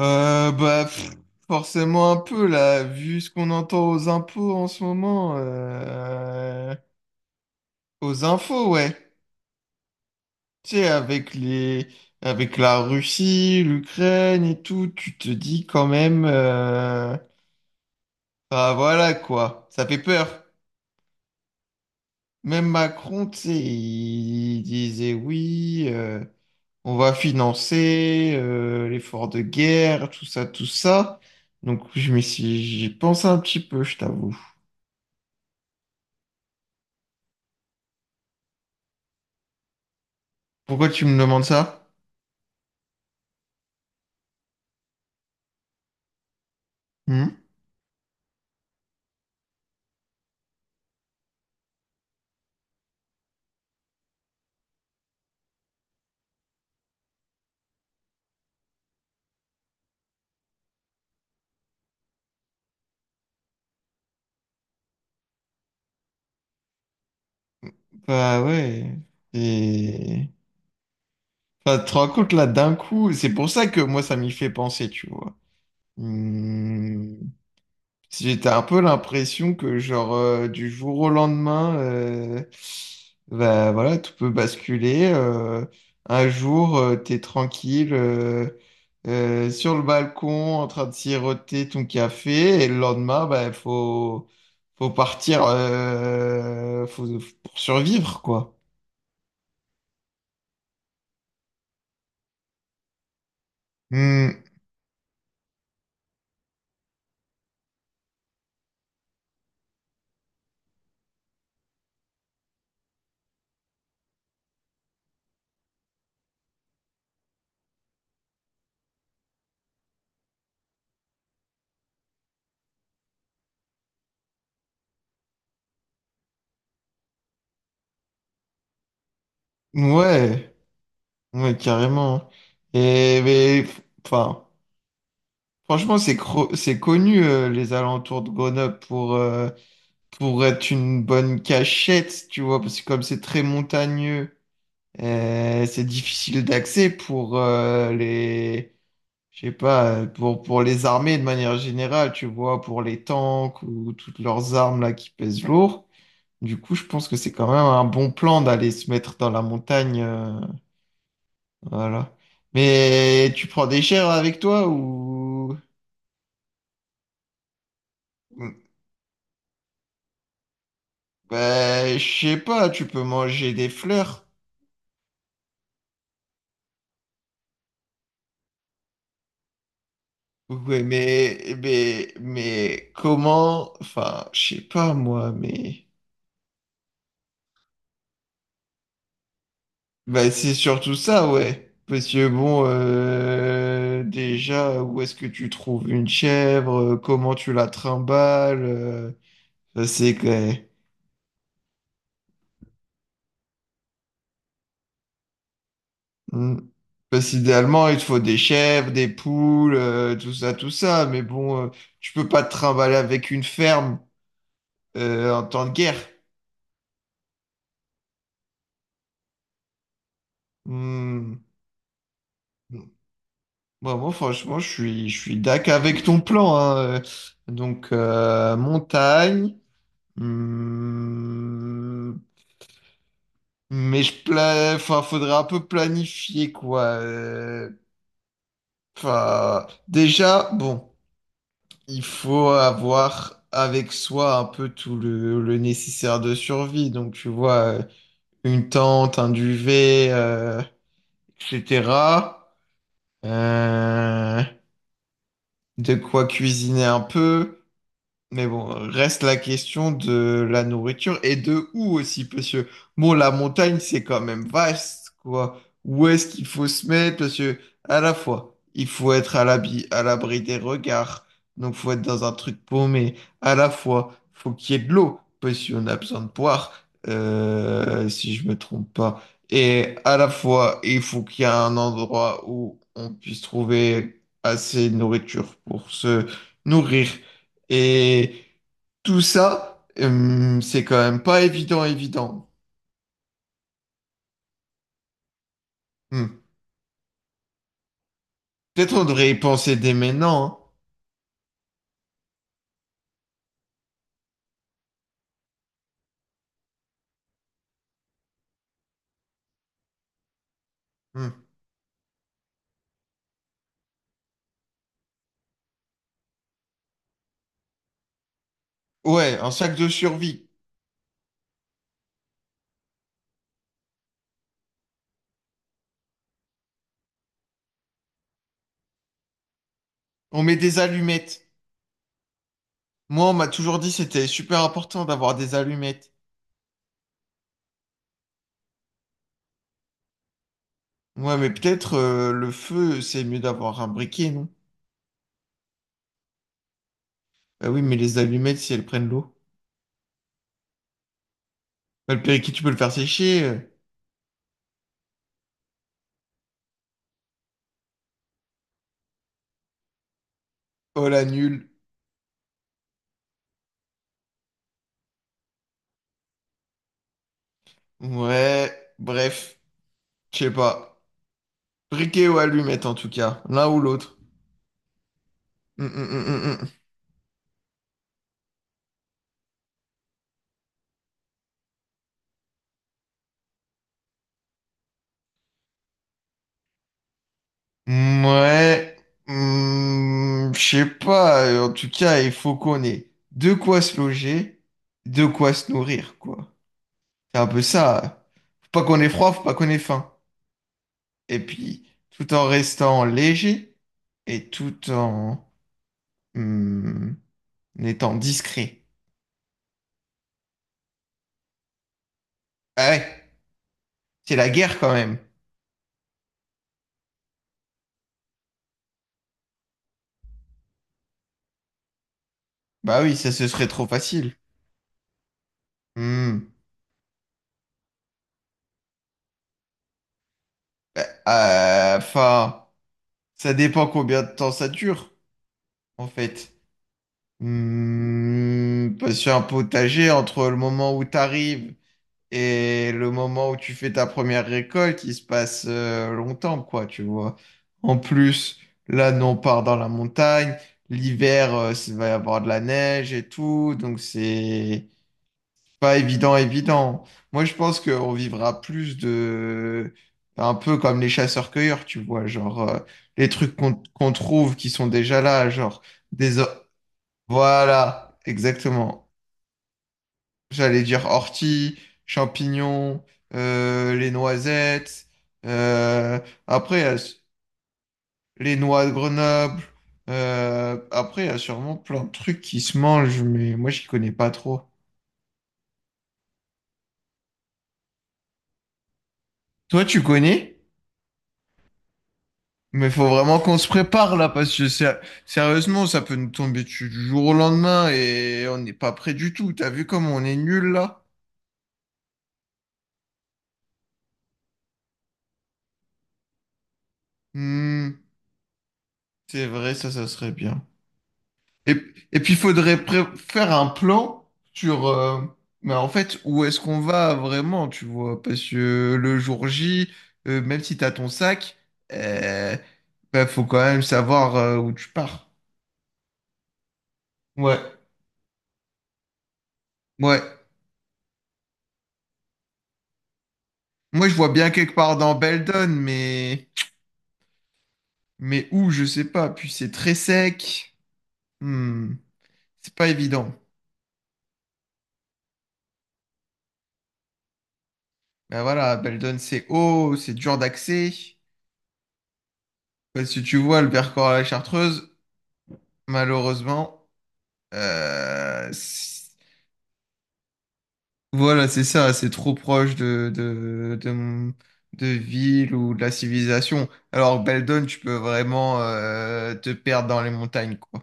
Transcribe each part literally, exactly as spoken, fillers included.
Euh, bah, pff, Forcément un peu, là, vu ce qu'on entend aux impôts en ce moment. euh, Aux infos, ouais. Tu sais, avec les... avec la Russie, l'Ukraine et tout, tu te dis quand même... euh, Bah voilà, quoi. Ça fait peur. Même Macron, tu sais, il disait oui, euh, on va financer euh, l'effort de guerre, tout ça, tout ça. Donc, je m'y suis... J'y pense un petit peu, je t'avoue. Pourquoi tu me demandes ça? Hmm. Bah ouais. Et... Enfin, tu te rends compte là d'un coup, c'est pour ça que moi ça m'y fait penser, tu vois. Hmm. J'étais un peu l'impression que genre euh, du jour au lendemain, euh, bah voilà, tout peut basculer. euh, Un jour, euh, t'es tranquille euh, euh, sur le balcon en train de siroter ton café, et le lendemain, bah faut faut partir, euh, faut, pour survivre quoi. Hmm, ouais, ouais, carrément. Et mais, enfin, franchement, c'est cro- c'est connu euh, les alentours de Grenoble pour euh, pour être une bonne cachette, tu vois, parce que comme c'est très montagneux, euh, c'est difficile d'accès pour euh, les, je sais pas, euh, pour, pour les armées de manière générale, tu vois, pour les tanks ou toutes leurs armes là qui pèsent lourd. Du coup, je pense que c'est quand même un bon plan d'aller se mettre dans la montagne, euh, voilà. Mais tu prends des chairs avec toi ou... Ben, je sais pas, tu peux manger des fleurs. Ouais, mais, mais, mais comment, enfin, je sais pas moi, mais bah, c'est surtout ça, ouais. Parce que bon, euh, déjà, où est-ce que tu trouves une chèvre? euh, Comment tu la trimbales? euh, Ça, c'est clair. Hmm. Parce qu'idéalement, il te faut des chèvres, des poules, euh, tout ça, tout ça. Mais bon, euh, tu peux pas te trimballer avec une ferme euh, en temps de guerre. Hmm. Bon, moi, franchement, je suis, je suis dac avec ton plan, hein. Donc, euh, montagne. Hum, mais je pla... enfin, faudra un peu planifier, quoi. Euh, Enfin, déjà, bon, il faut avoir avec soi un peu tout le, le nécessaire de survie. Donc, tu vois, euh, une tente, un duvet, euh, et cetera. Euh, de quoi cuisiner un peu. Mais bon, reste la question de la nourriture et de où aussi, parce que bon, la montagne, c'est quand même vaste, quoi. Où est-ce qu'il faut se mettre? Parce que, à la fois, il faut être à l'abri, à l'abri des regards, donc faut être dans un truc paumé. À la fois, faut qu'il y ait de l'eau, parce qu'on a besoin de boire, euh, si je me trompe pas. Et à la fois, il faut qu'il y ait un endroit où on puisse trouver assez de nourriture pour se nourrir. Et tout ça, euh, c'est quand même pas évident, évident. Hmm. Peut-être on devrait y penser dès maintenant. Hein. Hmm. Ouais, un sac de survie. On met des allumettes. Moi, on m'a toujours dit que c'était super important d'avoir des allumettes. Ouais, mais peut-être euh, le feu, c'est mieux d'avoir un briquet, non? Bah oui, mais les allumettes, si elles prennent l'eau. Bah, le périquet, tu peux le faire sécher, euh. Oh la nulle. Ouais, bref, je sais pas. Briquet ou allumette en tout cas, l'un ou l'autre. Hmm, hmm, hmm, hmm, hmm. Ouais, hmm, je sais pas. En tout cas, il faut qu'on ait de quoi se loger, de quoi se nourrir, quoi. C'est un peu ça. Faut pas qu'on ait froid, faut pas qu'on ait faim. Et puis, tout en restant léger et tout en hmm, en étant discret. Ah ouais, c'est la guerre quand même. Bah oui, ça ce serait trop facile. Hmm. Bah, euh, Enfin, ça dépend combien de temps ça dure, en fait. Hmm, parce qu'un potager, entre le moment où tu arrives et le moment où tu fais ta première récolte, il se passe euh, longtemps, quoi, tu vois. En plus, là, nous, on part dans la montagne. L'hiver, euh, il va y avoir de la neige et tout, donc c'est pas évident, évident. Moi, je pense qu'on vivra plus de... un peu comme les chasseurs-cueilleurs, tu vois, genre euh, les trucs qu'on qu'on trouve qui sont déjà là, genre des, o- voilà, exactement. J'allais dire ortie, champignons, euh, les noisettes. euh, après, il y a s- les noix de Grenoble. Euh, après, il y a sûrement plein de trucs qui se mangent, mais moi, j'y connais pas trop. Toi, tu connais? Mais faut vraiment qu'on se prépare là, parce que sé- sérieusement, ça peut nous tomber dessus du jour au lendemain et on n'est pas prêt du tout. T'as vu comme on est nul là? Hmm, c'est vrai, ça, ça serait bien. Et, et puis, il faudrait pré- faire un plan sur, euh, mais en fait, où est-ce qu'on va vraiment, tu vois? Parce que le jour J, euh, même si t'as ton sac, euh, bah, faut quand même savoir euh, où tu pars. Ouais, ouais. Moi, je vois bien quelque part dans Beldon, mais, mais où, je sais pas. Puis c'est très sec. Hmm, c'est pas évident. Ben voilà, Beldon, c'est haut, c'est dur d'accès. Parce que tu vois, le Vercors à la Chartreuse, malheureusement. Euh, c- voilà, c'est ça, c'est trop proche de, de, de, mon- de ville ou de la civilisation. Alors, Beldon, tu peux vraiment euh, te perdre dans les montagnes, quoi.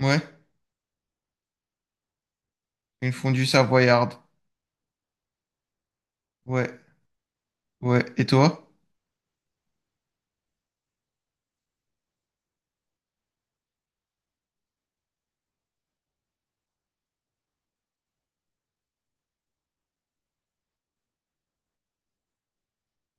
Ouais, une fondue savoyarde. Ouais, ouais. Et toi?